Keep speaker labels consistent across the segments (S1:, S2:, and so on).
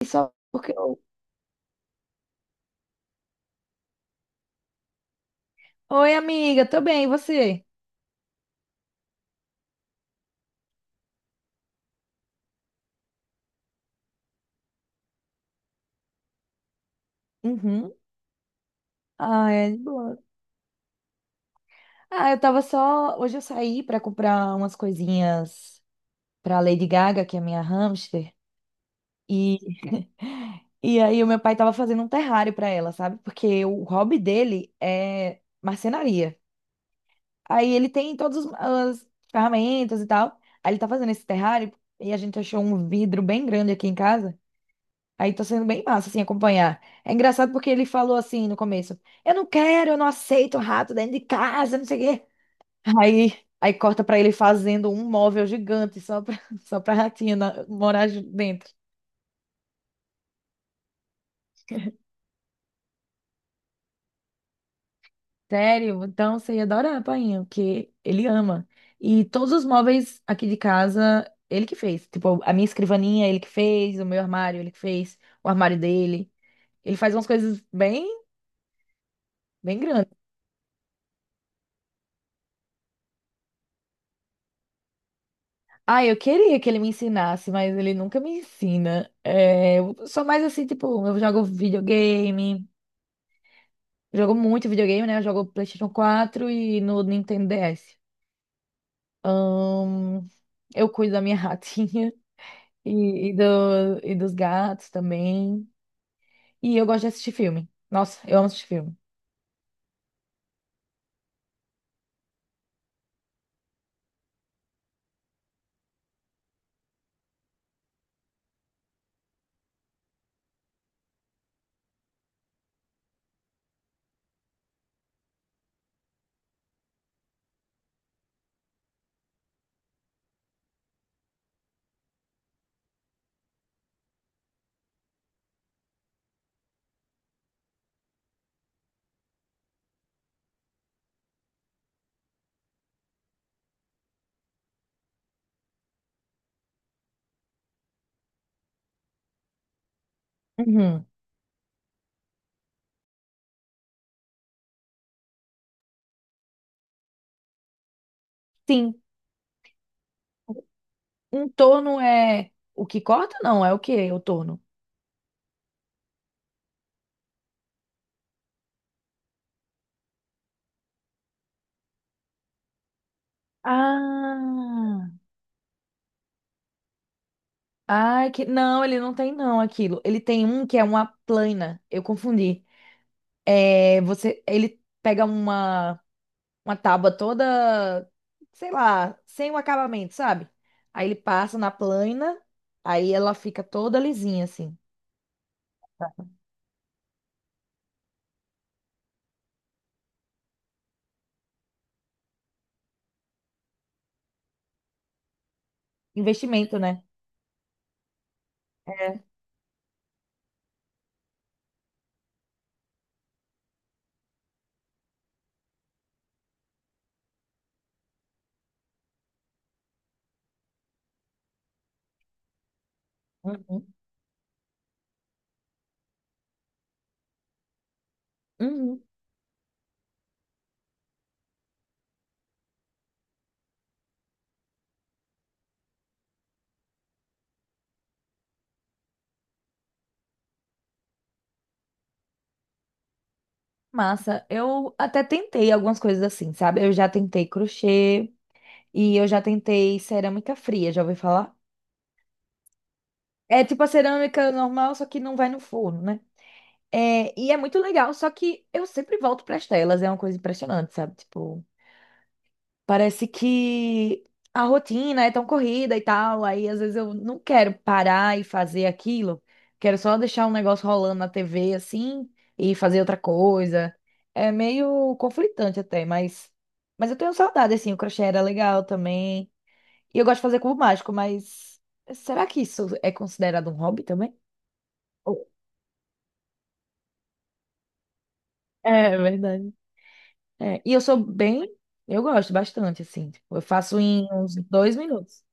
S1: E só porque eu. Oi, amiga, tô bem, e você? Uhum. Ah, é de boa. Ah, eu tava só. Hoje eu saí pra comprar umas coisinhas pra Lady Gaga, que é minha hamster. E, e aí o meu pai tava fazendo um terrário pra ela, sabe? Porque o hobby dele é marcenaria. Aí ele tem todas as ferramentas e tal. Aí ele tá fazendo esse terrário e a gente achou um vidro bem grande aqui em casa. Aí tá sendo bem massa, assim, acompanhar. É engraçado porque ele falou assim no começo: eu não quero, eu não aceito rato dentro de casa, não sei o quê. Aí, aí corta pra ele fazendo um móvel gigante só pra, só pra ratinha morar dentro. Sério? Então você ia adorar, painho, porque ele ama. E todos os móveis aqui de casa, ele que fez. Tipo, a minha escrivaninha, ele que fez, o meu armário, ele que fez, o armário dele. Ele faz umas coisas bem, bem grandes. Ah, eu queria que ele me ensinasse, mas ele nunca me ensina. É, eu sou mais assim, tipo, eu jogo videogame, jogo muito videogame, né? Eu jogo PlayStation 4 e no Nintendo DS. Ahn, eu cuido da minha ratinha e dos gatos também. E eu gosto de assistir filme. Nossa, eu amo assistir filme. Uhum. Sim, um torno é o que corta? Não, é o que o torno? Ah. Ai, que... Não, ele não tem não aquilo. Ele tem um que é uma plana. Eu confundi. É, você, ele pega uma tábua toda, sei lá, sem o acabamento, sabe? Aí ele passa na plana, aí ela fica toda lisinha, assim. Investimento, né? É. Uhum. Uhum. Massa. Eu até tentei algumas coisas assim, sabe? Eu já tentei crochê e eu já tentei cerâmica fria, já ouvi falar? É tipo a cerâmica normal, só que não vai no forno, né? É, e é muito legal, só que eu sempre volto para as telas, é uma coisa impressionante, sabe? Tipo, parece que a rotina é tão corrida e tal, aí às vezes eu não quero parar e fazer aquilo, quero só deixar um negócio rolando na TV assim e fazer outra coisa. É meio conflitante até, mas eu tenho saudade assim, o crochê era legal também. E eu gosto de fazer cubo mágico, mas será que isso é considerado um hobby também? Ou- É verdade. É, e eu sou bem, eu gosto bastante, assim. Tipo, eu faço em uns 2 minutos.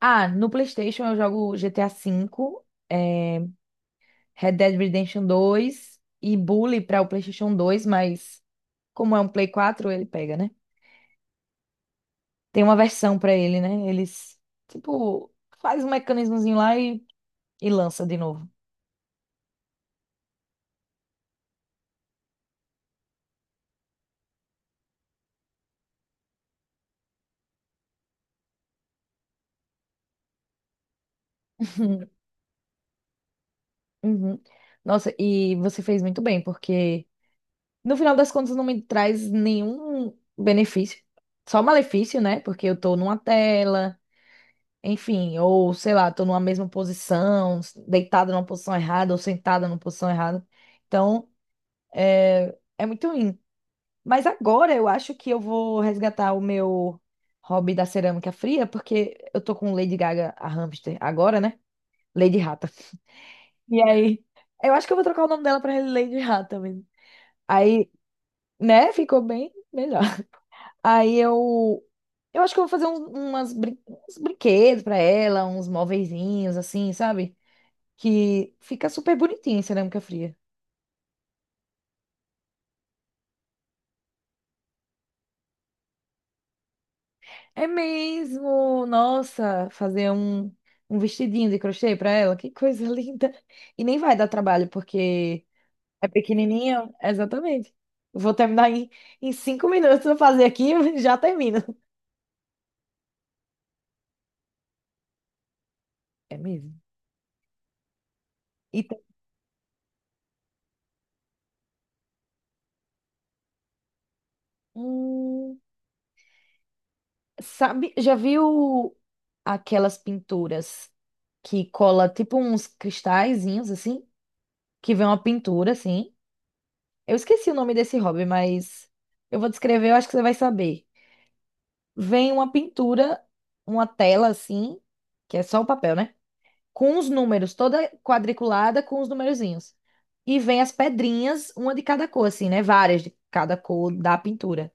S1: Ah, no PlayStation eu jogo GTA 5, é, Red Dead Redemption 2 e Bully para o PlayStation 2, mas como é um Play 4, ele pega, né? Tem uma versão para ele, né? Eles, tipo, faz um mecanismozinho lá e lança de novo. Uhum. Nossa, e você fez muito bem, porque, no final das contas, não me traz nenhum benefício. Só malefício, né? Porque eu tô numa tela, enfim, ou sei lá, tô numa mesma posição, deitada numa posição errada ou sentada numa posição errada. Então, é muito ruim. Mas agora eu acho que eu vou resgatar o meu hobby da cerâmica fria, porque eu tô com Lady Gaga, a hamster, agora, né? Lady Rata. E aí, eu acho que eu vou trocar o nome dela pra Lady Rata mesmo. Aí, né? Ficou bem melhor. Aí eu. Eu acho que eu vou fazer uns brinquedos pra ela, uns móveizinhos, assim, sabe? Que fica super bonitinho em cerâmica fria. É mesmo! Nossa, fazer um vestidinho de crochê pra ela, que coisa linda! E nem vai dar trabalho, porque é pequenininho. Exatamente. Vou terminar em 5 minutos. Vou fazer aqui e já termino. É mesmo. E tem. um Sabe, já viu aquelas pinturas que cola tipo uns cristalzinhos assim, que vem uma pintura assim? Eu esqueci o nome desse hobby, mas eu vou descrever, eu acho que você vai saber. Vem uma pintura, uma tela assim, que é só o papel, né? Com os números, toda quadriculada com os numerozinhos. E vem as pedrinhas, uma de cada cor assim, né? Várias de cada cor da pintura.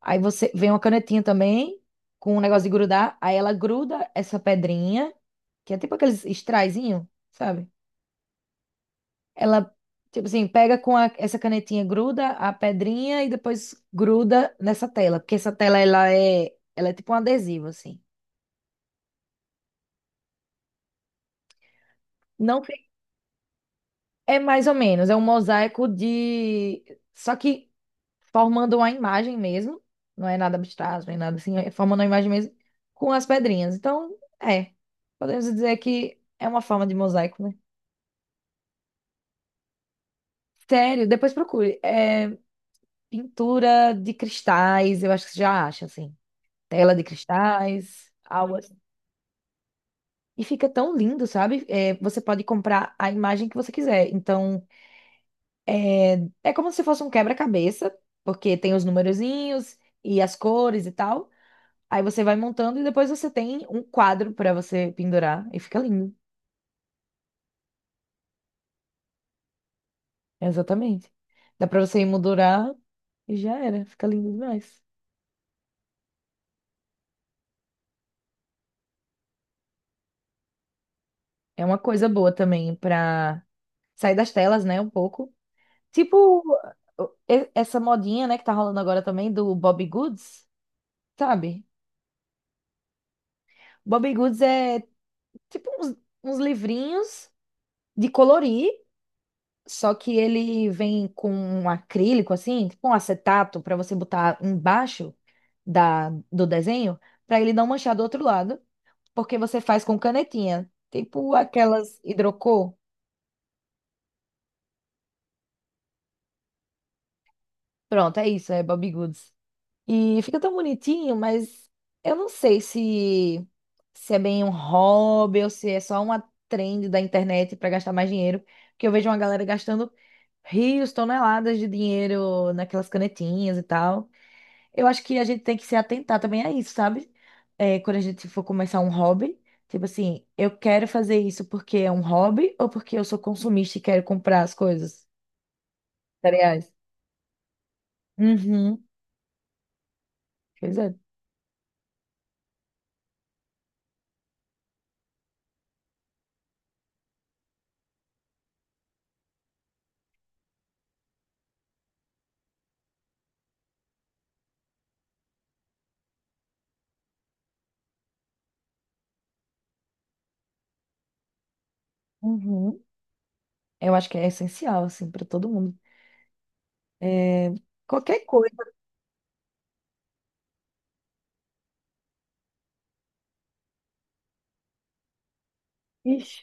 S1: Aí você vem uma canetinha também, com um negócio de grudar. Aí ela gruda essa pedrinha, que é tipo aqueles extraizinho, sabe? Ela, tipo assim, pega com essa canetinha, gruda a pedrinha e depois gruda nessa tela. Porque essa tela, ela é tipo um adesivo, assim. Não fica- É mais ou menos, é um mosaico de. Só que formando uma imagem mesmo, não é nada abstrato, nem nada assim, é formando uma imagem mesmo com as pedrinhas. Então, é, podemos dizer que é uma forma de mosaico, né? Sério, depois procure. É, pintura de cristais, eu acho que você já acha, assim. Tela de cristais, algo assim. E fica tão lindo, sabe? É, você pode comprar a imagem que você quiser. Então, é como se fosse um quebra-cabeça, porque tem os numerozinhos e as cores e tal. Aí você vai montando e depois você tem um quadro pra você pendurar e fica lindo. Exatamente. Dá pra você emoldurar e já era, fica lindo demais. É uma coisa boa também pra sair das telas, né, um pouco. Tipo essa modinha, né, que tá rolando agora também do Bobbie Goods, sabe? Bobbie Goods é tipo uns livrinhos de colorir, só que ele vem com um acrílico assim, tipo um acetato pra você botar embaixo. Da, do desenho, para ele não manchar do outro lado, porque você faz com canetinha, tipo aquelas hidrocor. Pronto, é isso, é Bobbie Goods. E fica tão bonitinho, mas eu não sei se é bem um hobby ou se é só uma trend da internet para gastar mais dinheiro, porque eu vejo uma galera gastando rios, toneladas de dinheiro naquelas canetinhas e tal. Eu acho que a gente tem que se atentar também a isso, sabe? É, quando a gente for começar um hobby, tipo assim, eu quero fazer isso porque é um hobby ou porque eu sou consumista e quero comprar as coisas? Cereais. Uhum. Pois é. Uhum. Eu acho que é essencial, assim, para todo mundo. É, qualquer coisa. Ixi.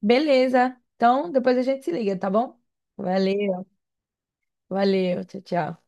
S1: Beleza. Então, depois a gente se liga, tá bom? Valeu. Valeu. Tchau, tchau.